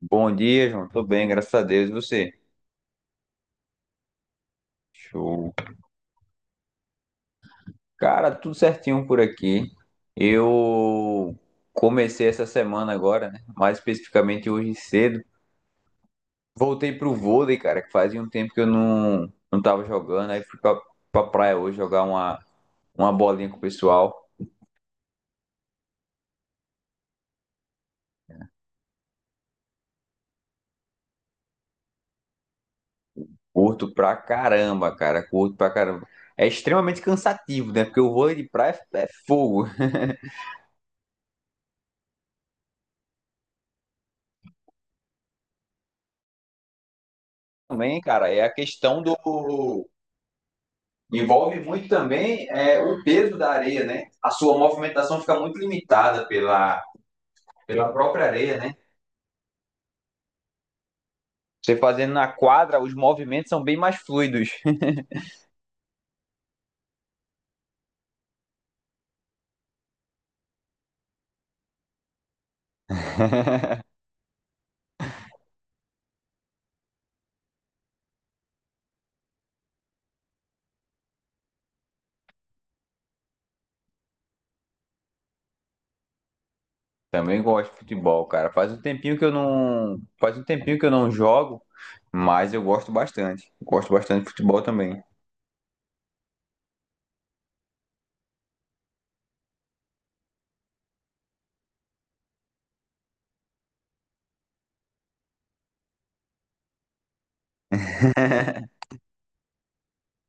Bom dia, João. Tô bem, graças a Deus. E você? Show. Cara, tudo certinho por aqui. Eu comecei essa semana agora, né? Mais especificamente hoje cedo. Voltei pro vôlei, cara, que fazia um tempo que eu não tava jogando. Aí fui pra praia hoje jogar uma bolinha com o pessoal. Curto pra caramba, cara. Curto pra caramba. É extremamente cansativo, né? Porque o vôlei de praia é fogo. Também, cara, é a questão do Envolve muito também é, o peso da areia, né? A sua movimentação fica muito limitada pela própria areia, né? Você fazendo na quadra, os movimentos são bem mais fluidos. Também gosto de futebol, cara. Faz um tempinho que eu não, faz um tempinho que eu não jogo, mas eu gosto bastante. Gosto bastante de futebol também.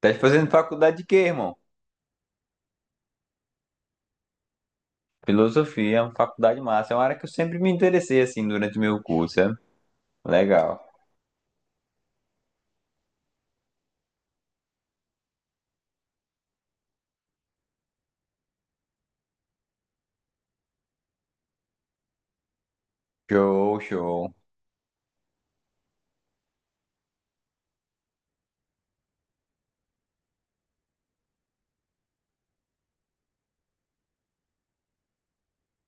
Tá fazendo faculdade de quê, irmão? Filosofia, é uma faculdade massa. É uma área que eu sempre me interessei assim durante o meu curso, sabe? Legal. Show, show.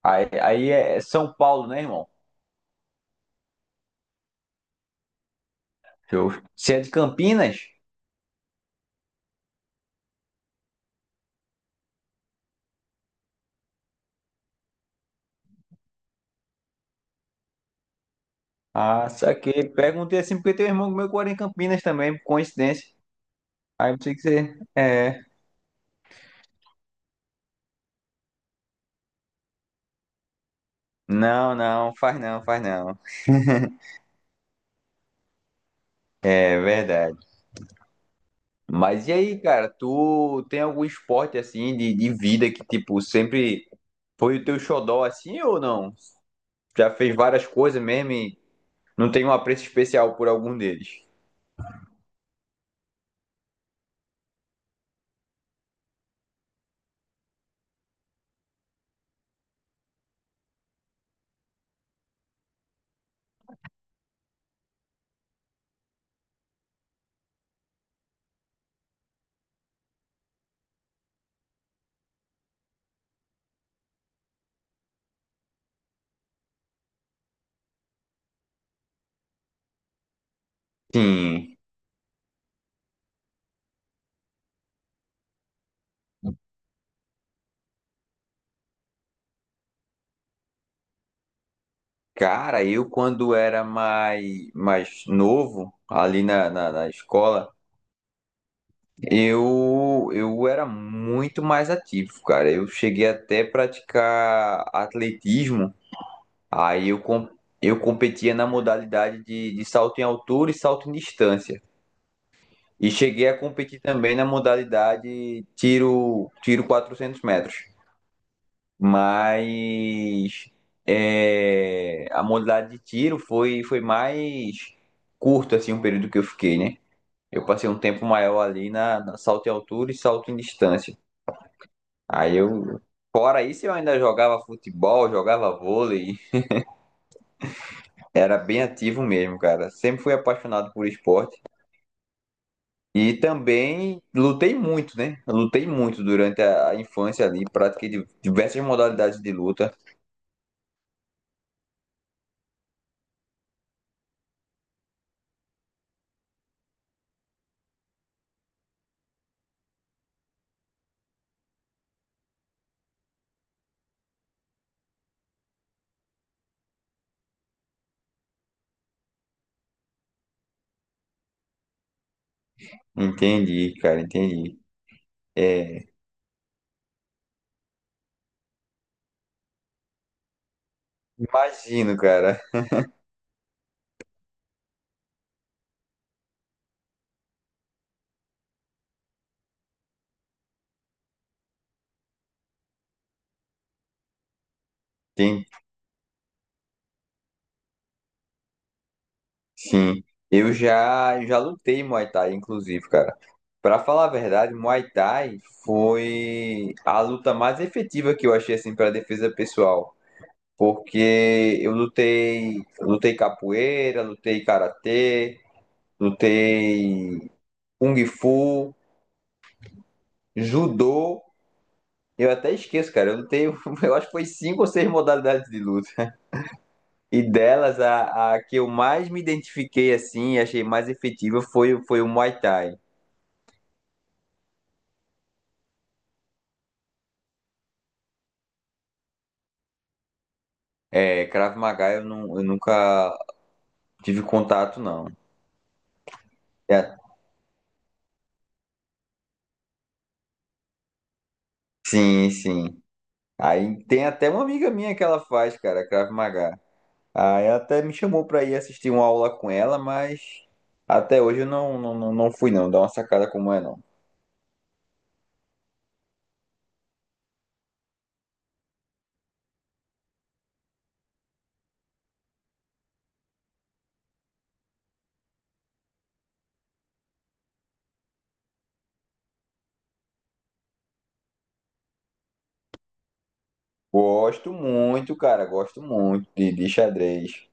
Aí, aí é São Paulo, né, irmão? Show. Se é de Campinas, ah, saquei. Perguntei assim porque tem um irmão meu que mora em Campinas também, por coincidência. Aí eu pensei que você. É. Não, não, faz não, faz não. É verdade. Mas e aí, cara, tu tem algum esporte assim de vida que, tipo, sempre foi o teu xodó assim ou não? Já fez várias coisas mesmo e não tem um apreço especial por algum deles? Sim. Cara, eu quando era mais novo, ali na, na escola. Eu era muito mais ativo, cara. Eu cheguei até a praticar atletismo. Aí eu, com- eu competia na modalidade de salto em altura e salto em distância. E cheguei a competir também na modalidade tiro, tiro 400 metros. Mas é, a modalidade de tiro foi, foi mais curto assim, o período que eu fiquei, né? Eu passei um tempo maior ali na, na salto em altura e salto em distância. Aí eu, fora isso, eu ainda jogava futebol, jogava vôlei, era bem ativo mesmo, cara. Sempre fui apaixonado por esporte e também lutei muito, né? Eu lutei muito durante a infância ali, pratiquei diversas modalidades de luta. Entendi, cara, entendi. É, imagino, cara. Tem, sim. Eu já lutei Muay Thai, inclusive, cara. Pra falar a verdade, Muay Thai foi a luta mais efetiva que eu achei assim para defesa pessoal. Porque eu lutei, lutei capoeira, lutei karatê, lutei kung fu, judô. Eu até esqueço, cara. Eu lutei, eu acho que foi cinco ou seis modalidades de luta. E delas, a que eu mais me identifiquei assim e achei mais efetiva foi, foi o Muay Thai. É, Krav Maga eu nunca tive contato, não. É, sim, sim. Aí tem até uma amiga minha que ela faz, cara, Krav Maga. Aí ela até me chamou pra ir assistir uma aula com ela, mas até hoje eu não fui não, dá uma sacada como é não. Gosto muito, cara, gosto muito de xadrez.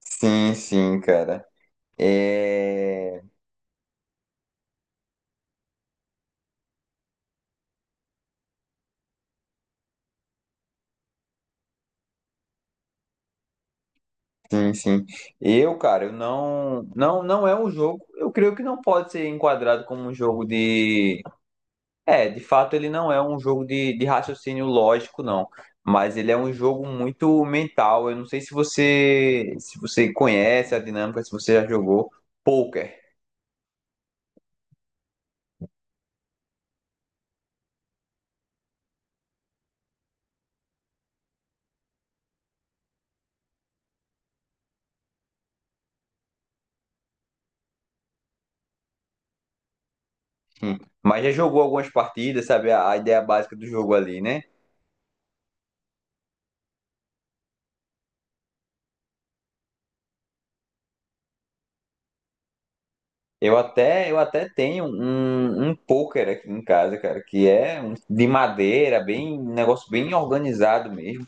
Sim, sim, cara. É... Sim, sim. Eu, cara, eu não é um jogo, eu creio que não pode ser enquadrado como um jogo de É, de fato ele não é um jogo de raciocínio lógico, não. Mas ele é um jogo muito mental. Eu não sei se você se você conhece a dinâmica, se você já jogou poker. Hum. Mas já jogou algumas partidas, sabe? A ideia básica do jogo ali, né? Eu até tenho um, um poker aqui em casa, cara, que é de madeira, bem, um negócio bem organizado mesmo,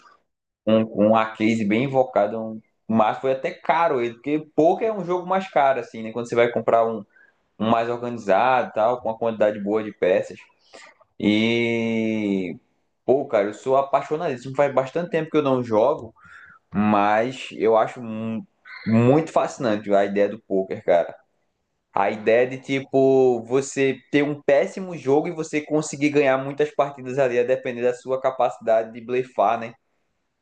um a case bem invocado, mas foi até caro ele, porque poker é um jogo mais caro, assim, né? Quando você vai comprar um, um mais organizado, tal, com uma quantidade boa de peças. E, pô, cara, eu sou apaixonadíssimo. Faz bastante tempo que eu não jogo, mas eu acho muito fascinante a ideia do poker, cara. A ideia de, tipo, você ter um péssimo jogo e você conseguir ganhar muitas partidas ali, a depender da sua capacidade de blefar, né?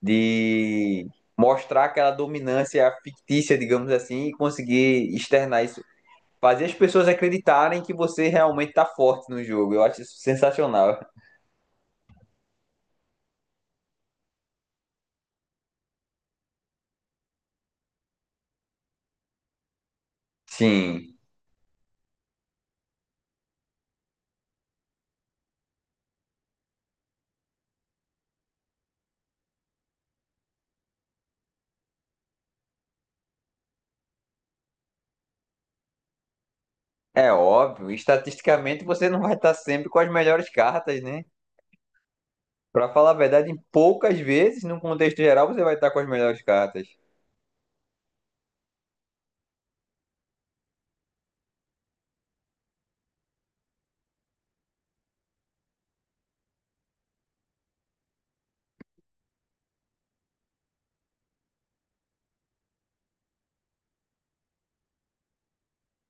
De mostrar aquela dominância fictícia, digamos assim, e conseguir externar isso. Fazer as pessoas acreditarem que você realmente tá forte no jogo. Eu acho isso sensacional. Sim, é óbvio. Estatisticamente você não vai estar sempre com as melhores cartas, né? Pra falar a verdade, em poucas vezes, num contexto geral, você vai estar com as melhores cartas.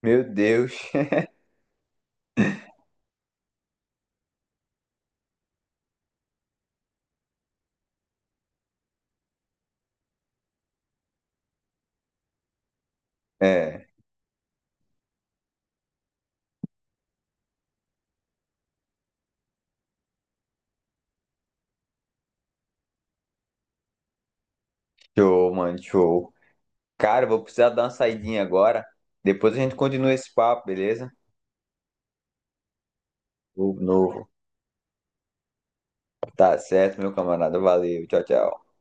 Meu Deus. É, show, mano, show. Cara, eu vou precisar dar uma saidinha agora. Depois a gente continua esse papo, beleza? O novo. Tá certo, meu camarada. Valeu. Tchau, tchau.